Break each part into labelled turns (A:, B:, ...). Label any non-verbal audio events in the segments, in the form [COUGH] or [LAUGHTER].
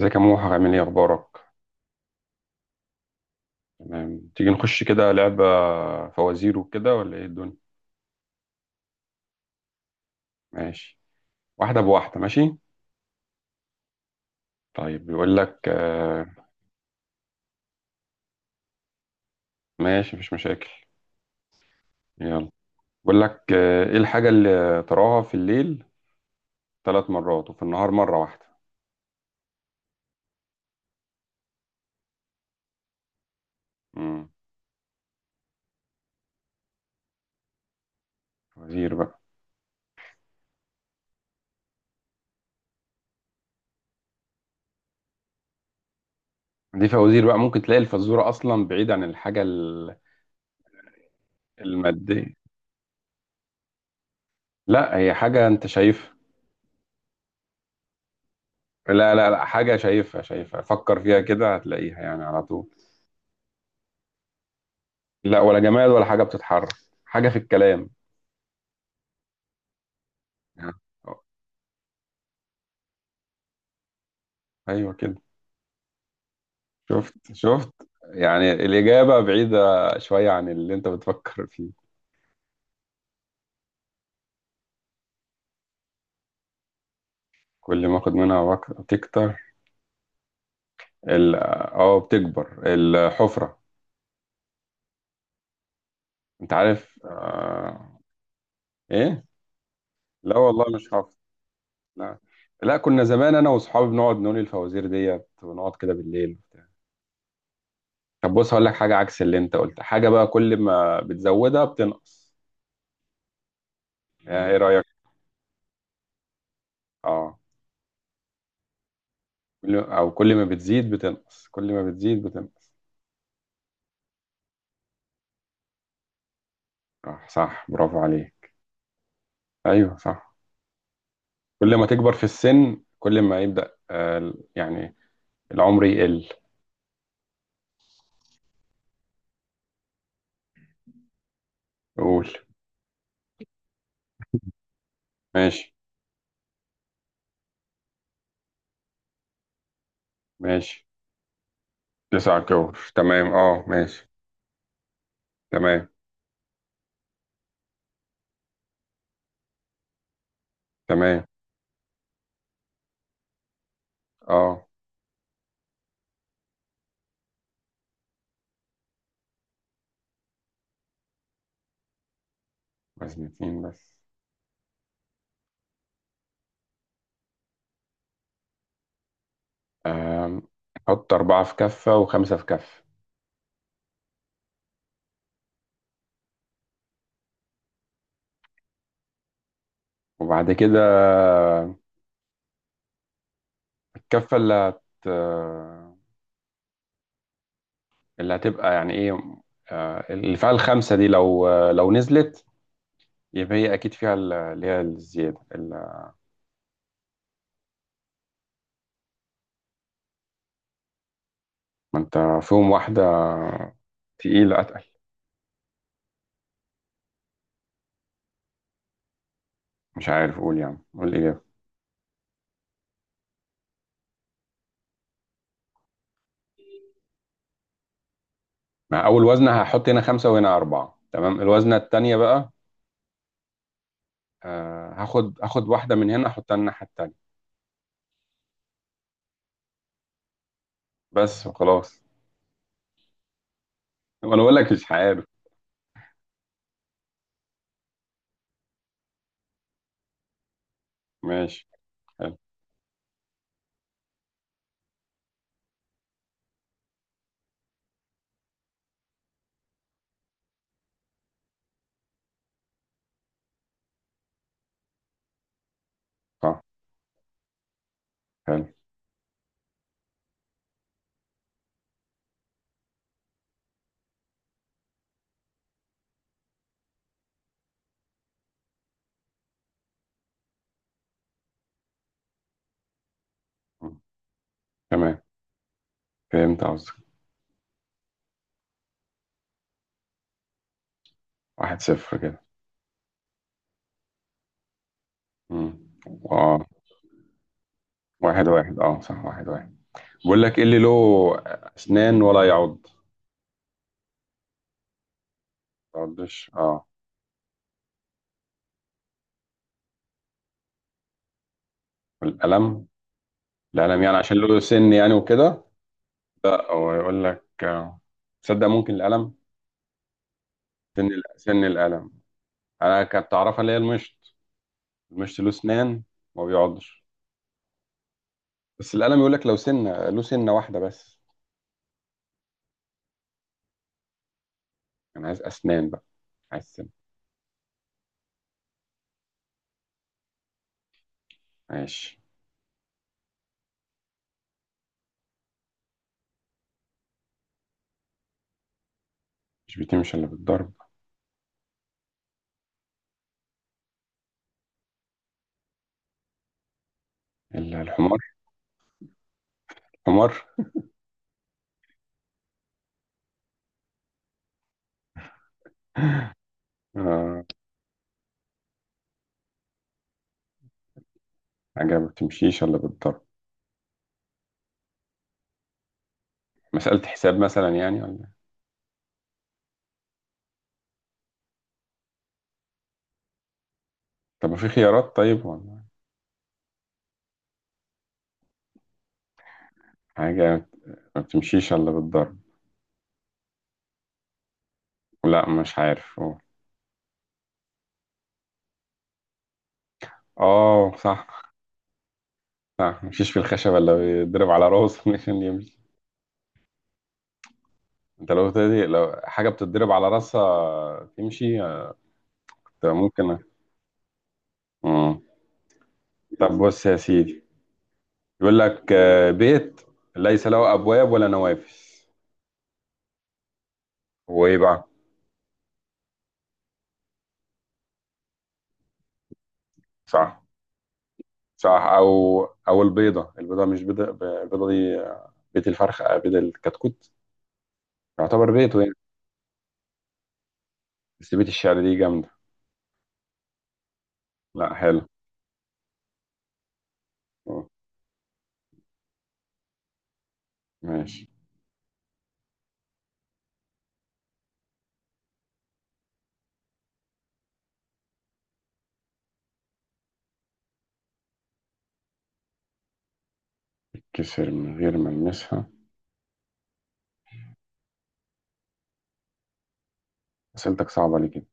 A: ازيك يا موحى، عامل ايه، اخبارك؟ تمام. تيجي نخش كده لعبة فوازير وكده ولا ايه الدنيا؟ ماشي. واحدة بواحدة، ماشي. طيب، بيقول لك ماشي، مفيش مشاكل. يلا. بيقول لك ايه الحاجة اللي تراها في الليل ثلاث مرات وفي النهار مرة واحدة؟ امم. فوازير بقى. دي فوازير بقى، ممكن تلاقي الفزورة اصلا بعيد عن الحاجة المادية. لا، هي حاجة انت شايفها. لا لا لا، حاجة شايفها شايفها، فكر فيها كده هتلاقيها يعني على طول. لا، ولا جماد ولا حاجة بتتحرك. حاجة في الكلام. يعني أه، أيوه كده. شفت شفت، يعني الإجابة بعيدة شوية عن اللي أنت بتفكر فيه. كل ما أخد منها وقت تكتر. ال أه بتكبر الحفرة. أنت عارف إيه؟ لا والله، مش حافظ. لا. لا كنا زمان أنا وأصحابي بنقعد نقول الفوازير ديت ونقعد كده بالليل وبتاع. طب بص، هقول لك حاجة عكس اللي أنت قلت. حاجة بقى كل ما بتزودها بتنقص، يعني إيه رأيك؟ أه. كل ما بتزيد بتنقص، كل ما بتزيد بتنقص. صح صح، برافو عليه. ايوه صح. كل ما تكبر في السن، كل ما يبدأ يعني العمر يقل. قول. ماشي. ماشي. تسعة كور، تمام اه، ماشي. تمام. تمام اه. وزن اتنين بس. آم، حط أربعة في كفة وخمسة في كفة، وبعد كده الكفة اللي اللي هتبقى يعني ايه، اللي فيها الخمسة دي لو لو نزلت، يبقى هي اكيد فيها اللي هي الزياده. ما انت فيهم واحده تقيله اتقل. مش عارف اقول، يعني قول الاجابه. مع اول وزنه هحط هنا خمسه وهنا اربعه، تمام. الوزنه التانيه بقى، هاخد واحده من هنا احطها الناحيه التانيه، بس وخلاص. وانا بقول لك مش عارف. ماشي. حلو. صح. حلو. مم. تمام. فهمت قصدك. 1-0 كده. مم. اه. 1-1، اه صح، 1-1. بقول لك ايه اللي له اسنان ولا يعض؟ ما يعضش، اه. والقلم. القلم يعني عشان له سن يعني وكده. لا، هو يقول لك تصدق ممكن القلم، سن القلم. انا كنت اعرفها اللي هي المشط، المشط له اسنان، ما بيقعدش. بس القلم يقول لك لو سنه له سنه واحده بس، انا عايز اسنان بقى، عايز سن. ماشي. مش بتمشي الا بالضرب. الا الحمار. حمار. آه. حاجه ما بتمشيش الا بالضرب. مساله حساب مثلا يعني، ولا؟ طب ما في خيارات طيب، ولا؟ حاجه ما بتمشيش الا بالضرب. لا مش عارف، اه. صح. مفيش في الخشبة إلا بيتضرب على راسه [LAUGHS] عشان يمشي. أنت لو تدي لو حاجة بتتضرب على راسها تمشي طب ممكن. مم. طب بص يا سيدي، يقول لك بيت ليس له أبواب ولا نوافذ، هو إيه بقى؟ صح. صح. أو البيضة، البيضة مش بيضة، البيضة دي بيت الفرخ، بيت الكتكوت يعتبر بيته يعني. بس بيت الشعر دي جامدة. لا حلو. مم. ماشي. كسر من غير ما يلمسها. أسئلتك صعبة ليه كده؟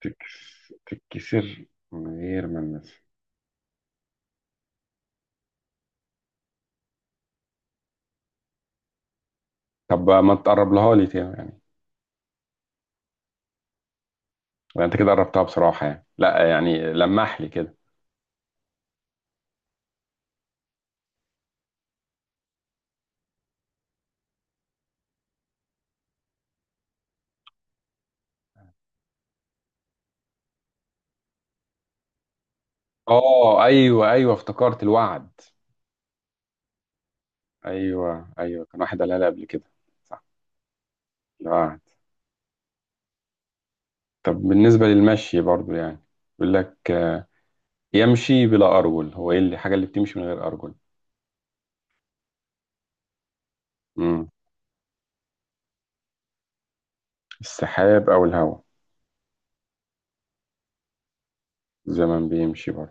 A: تتكسر من غير ما الناس. طب ما تقرب لها لي تاني يعني، ولا انت كده قربتها بصراحة يعني، لا يعني لمح لي كده. اه ايوه ايوه، افتكرت الوعد. ايوه ايوه كان واحد قالها لي قبل كده، صح. الوعد. طب بالنسبة للمشي برضو يعني، بيقول لك يمشي بلا ارجل، هو ايه الحاجة اللي بتمشي من غير ارجل؟ امم. السحاب او الهواء. الزمن بيمشي برضو،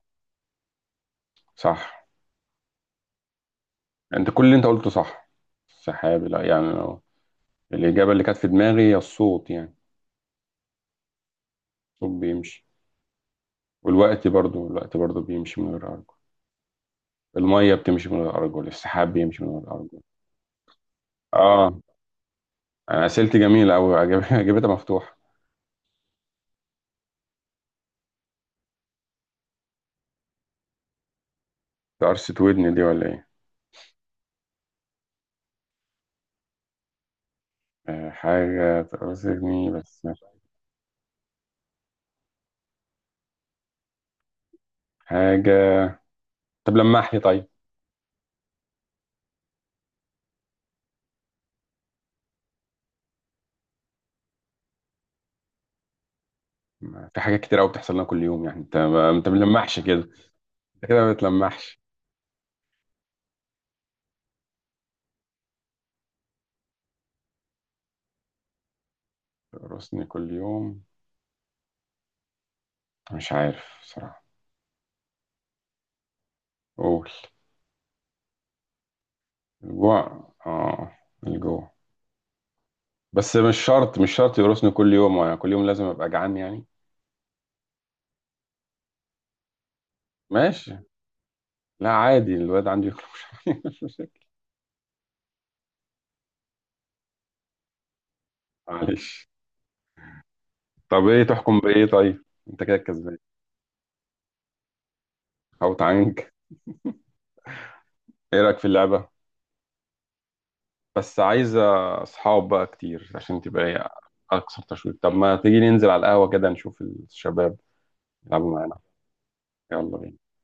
A: صح. انت كل اللي انت قلته صح. السحاب، لا يعني لو. الإجابة اللي كانت في دماغي هي الصوت يعني، الصوت بيمشي. والوقت برضو، الوقت برضو بيمشي من غير أرجل. المية بتمشي من غير أرجل، السحاب بيمشي من غير أرجل. آه. أنا أسئلتي جميلة أوي، [LAUGHS] أجيبتها مفتوحة. تقرصة ودني دي ولا إيه؟ حاجة تقرصة ودني بس. حاجة. طب لمح لي طيب. في حاجات كتير أوي بتحصل لنا كل يوم يعني، أنت ما أنت بتلمحش كده. أنت كده ما بتلمحش. تقرصني كل يوم، مش عارف بصراحة. قول. الجوع، آه. الجوع. بس مش شرط مش شرط يقرصني كل يوم وأنا كل يوم لازم أبقى جعان يعني. ماشي. لا عادي، الواد عندي يخرج [LAUGHS] مش مشاكل. معلش. طب ايه تحكم بايه طيب؟ انت كده كسبان. او تعانج. ايه رايك في اللعبه؟ بس عايزه اصحاب بقى كتير عشان تبقى ايه، اكثر تشويق. طب ما تيجي ننزل على القهوه كده نشوف الشباب يلعبوا معانا. يلا بينا.